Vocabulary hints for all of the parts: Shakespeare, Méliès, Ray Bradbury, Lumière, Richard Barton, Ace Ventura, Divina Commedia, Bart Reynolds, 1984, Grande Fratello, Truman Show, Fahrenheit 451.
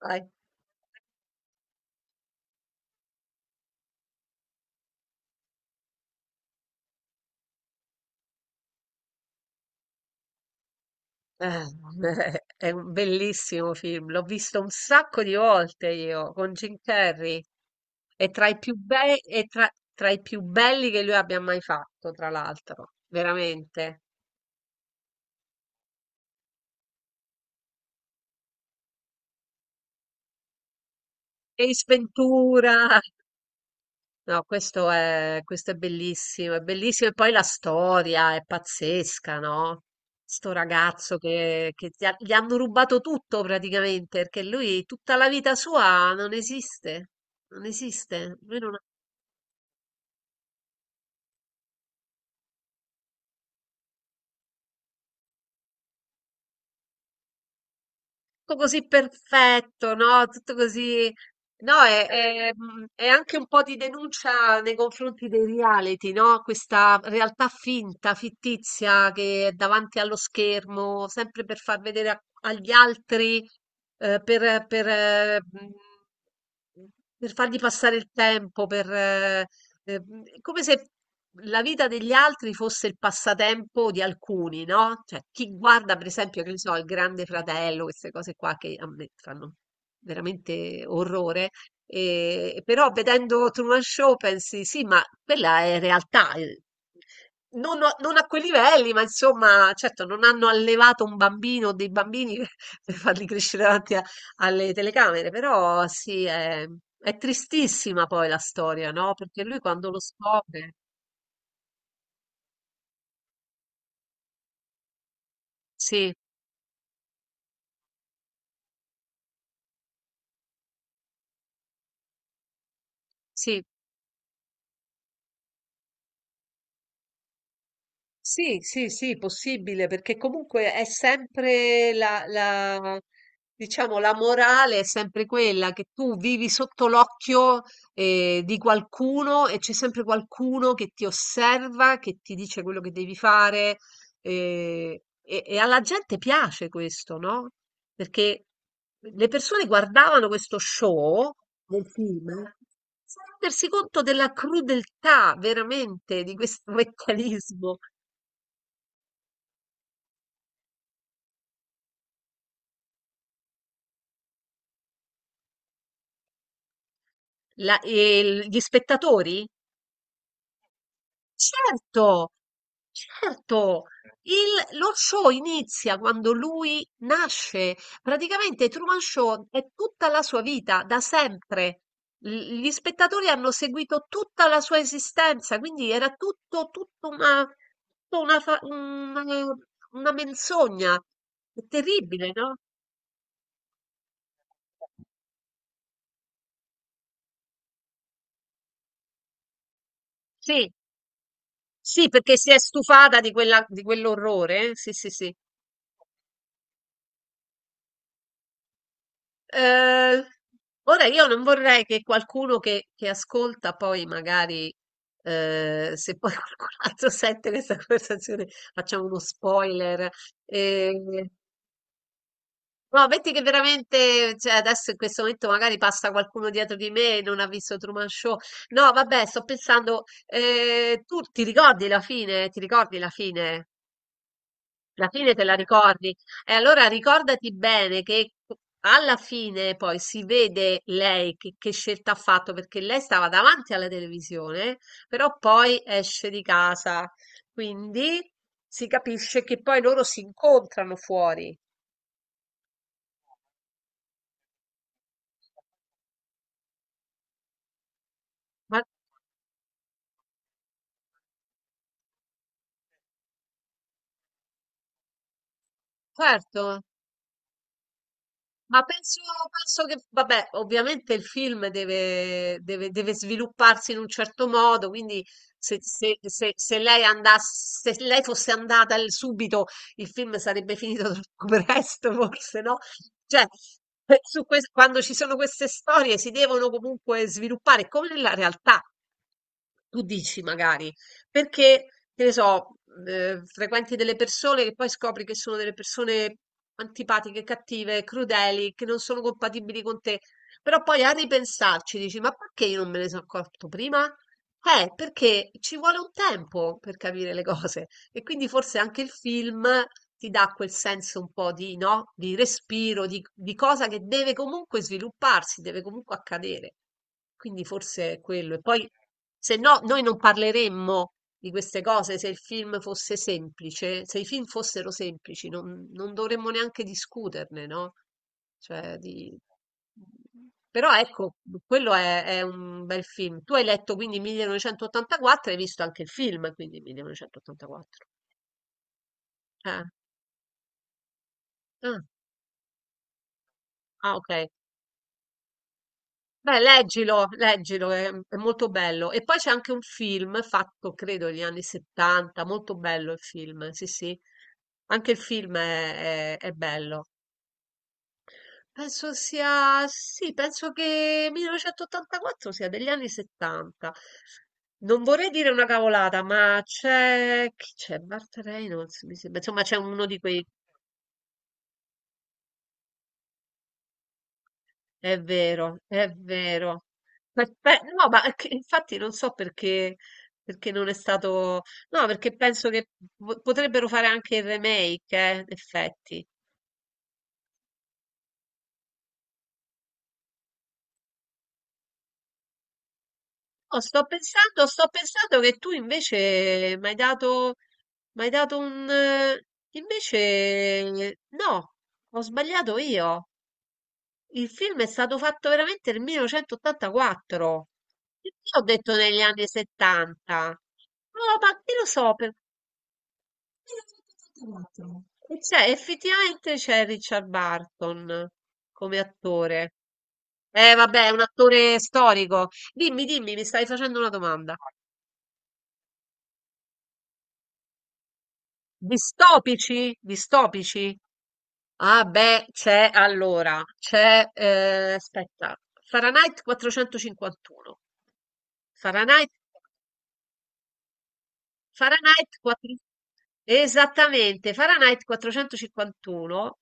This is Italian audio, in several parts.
Vai. Eh, è un bellissimo film, l'ho visto un sacco di volte io con Jim Carrey. È tra i più bei, è tra, tra i più belli che lui abbia mai fatto, tra l'altro, veramente. Ace Ventura. No, questo è bellissimo e poi la storia è pazzesca, no? Sto ragazzo gli hanno rubato tutto praticamente, perché lui tutta la vita sua non esiste, non esiste. Lui non ha... Tutto così perfetto, no? Tutto così... No, è anche un po' di denuncia nei confronti dei reality, no? Questa realtà finta, fittizia che è davanti allo schermo, sempre per far vedere a- agli altri, eh, per, per, eh, mm, per fargli passare il tempo, eh, come se la vita degli altri fosse il passatempo di alcuni, no? Cioè, chi guarda, per esempio, che ne so, il Grande Fratello, queste cose qua che a me fanno veramente orrore. E però vedendo Truman Show pensi, sì, ma quella è realtà, eh. Non a, non a quei livelli, ma insomma, certo, non hanno allevato un bambino o dei bambini per farli crescere davanti a- alle telecamere, però sì, è tristissima poi la storia, no? Perché lui quando lo scopre. Sì, sì. Sì, sì, sì, possibile, perché comunque è sempre la diciamo, la morale è sempre quella che tu vivi sotto l'occhio di qualcuno e c'è sempre qualcuno che ti osserva, che ti dice quello che devi fare, e alla gente piace questo, no? Perché le persone guardavano questo show del film senza rendersi conto della crudeltà veramente di questo meccanismo. La- e il- gli spettatori? Certo, certo. Il- lo show inizia quando lui nasce. Praticamente Truman Show è tutta la sua vita, da sempre. L- gli spettatori hanno seguito tutta la sua esistenza, quindi era tutta una una menzogna. È terribile, no? Sì, sì, perché si è stufata di quella- di quell'orrore, eh? Sì, sì, sì. Eh, Ora io non vorrei che qualcuno che ascolta poi magari, se poi qualcun altro sente questa conversazione, facciamo uno spoiler. eh, no, metti che veramente, cioè, adesso in questo momento magari passa qualcuno dietro di me e non ha visto Truman Show. No, vabbè, sto pensando, tu ti ricordi la fine? Ti ricordi la fine? Alla fine te la ricordi. E allora ricordati bene che alla fine poi si vede lei che scelta ha fatto, perché lei stava davanti alla televisione, però poi esce di casa. Quindi si capisce che poi loro si incontrano fuori. Ma certo. Ma penso, penso che, vabbè, ovviamente il film deve, deve svilupparsi in un certo modo, quindi se, se lei andasse, se lei fosse andata l- subito, il film sarebbe finito troppo presto, forse, no? Cioè, su ques- quando ci sono queste storie si devono comunque sviluppare, come nella realtà. Tu dici magari. Perché, che ne so, frequenti delle persone che poi scopri che sono delle persone antipatiche, cattive, crudeli, che non sono compatibili con te. Però poi a ripensarci dici, ma perché io non me ne sono accorto prima? Perché ci vuole un tempo per capire le cose e quindi forse anche il film ti dà quel senso un po' di, no? Di respiro, di cosa che deve comunque svilupparsi, deve comunque accadere. Quindi forse è quello. E poi, se no, noi non parleremmo di queste cose, se il film fosse semplice, se i film fossero semplici, non, non dovremmo neanche discuterne, no? Cioè, di... Però ecco, quello è un bel film. Tu hai letto quindi 1984 e hai visto anche il film, quindi 1984. Ah, ah, ok. Beh, leggilo, leggilo, è molto bello. E poi c'è anche un film fatto, credo, negli anni 70, molto bello il film, sì, sì. Anche il film è bello. Penso sia, sì, penso che 1984 sia degli anni 70. Non vorrei dire una cavolata, ma c'è, chi c'è? Bart Reynolds, mi sembra. Insomma, c'è uno di quei, è vero, è vero. Aspe- No, ma che- infatti non so perché, perché non è stato, no, perché penso che po- potrebbero fare anche il remake, in effetti. No, sto pensando che tu invece mi hai dato, m'hai dato un... Invece no, ho sbagliato io. Il film è stato fatto veramente nel 1984. Perché ho detto negli anni 70? No, ma che lo so, per... 1984. E c'è, effettivamente c'è Richard Barton come attore. Vabbè, è un attore storico. Dimmi, dimmi, mi stai facendo una domanda. Distopici? Distopici? Ah beh, c'è allora, c'è, aspetta, Fahrenheit 451. Fahrenheit, Fahrenheit 4... Esattamente, Fahrenheit 451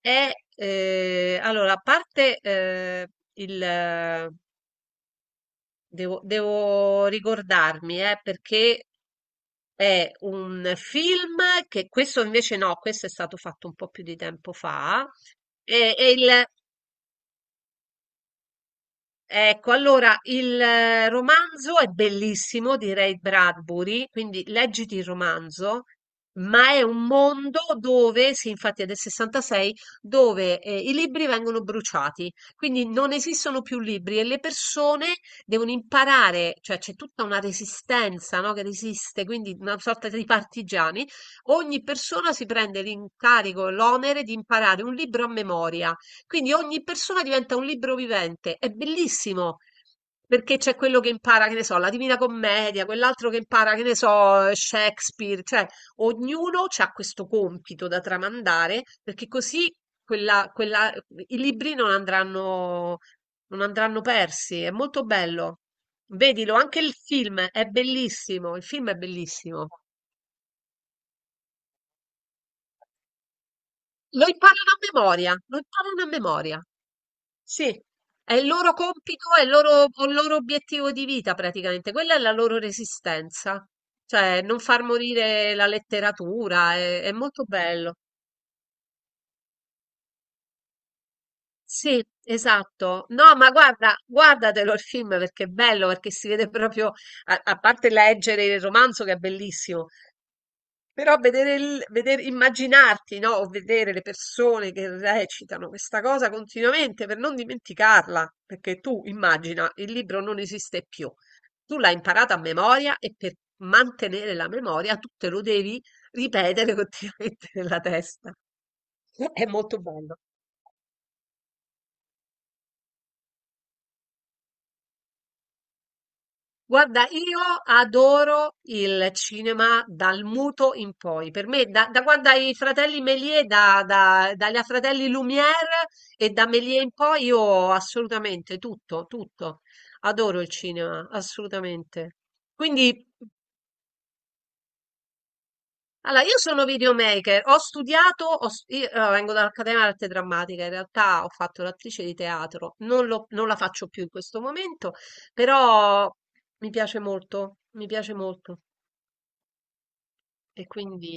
è, allora, a parte il... devo, devo ricordarmi, perché è un film che questo invece no, questo è stato fatto un po' più di tempo fa. È il, ecco, allora il romanzo è bellissimo di Ray Bradbury, quindi leggiti il romanzo, ma è un mondo dove, sì, infatti è del 66, dove i libri vengono bruciati, quindi non esistono più libri e le persone devono imparare, cioè c'è tutta una resistenza, no, che resiste, quindi una sorta di partigiani. Ogni persona si prende l'incarico, l'onere di imparare un libro a memoria. Quindi ogni persona diventa un libro vivente, è bellissimo. Perché c'è quello che impara, che ne so, la Divina Commedia, quell'altro che impara, che ne so, Shakespeare, cioè ognuno ha questo compito da tramandare, perché così quella- quella- i libri non andranno, non andranno persi. È molto bello. Vedilo, anche il film è bellissimo, il film è bellissimo. Lo imparano a memoria, lo imparano a memoria. Sì, è il loro compito, è il loro, o il loro obiettivo di vita praticamente, quella è la loro resistenza, cioè non far morire la letteratura, è molto bello. Sì, esatto. No, ma guarda, guardatelo il film perché è bello, perché si vede proprio, a, a parte leggere il romanzo che è bellissimo, però vedere, il, veder- immaginarti, no? O vedere le persone che recitano questa cosa continuamente per non dimenticarla, perché tu immagina, il libro non esiste più. Tu l'hai imparata a memoria e per mantenere la memoria tu te lo devi ripetere continuamente nella testa. È molto bello. Guarda, io adoro il cinema dal muto in poi. Per me, da, da quando ai fratelli Méliès, dagli fratelli Lumière e da Méliès in poi, io assolutamente tutto, tutto. Adoro il cinema, assolutamente. Quindi, allora, io sono videomaker, ho studiato, ho stu- io, allora, vengo dall'Accademia d'Arte Drammatica, in realtà ho fatto l'attrice di teatro, non lo- non la faccio più in questo momento, però mi piace molto, mi piace molto. E quindi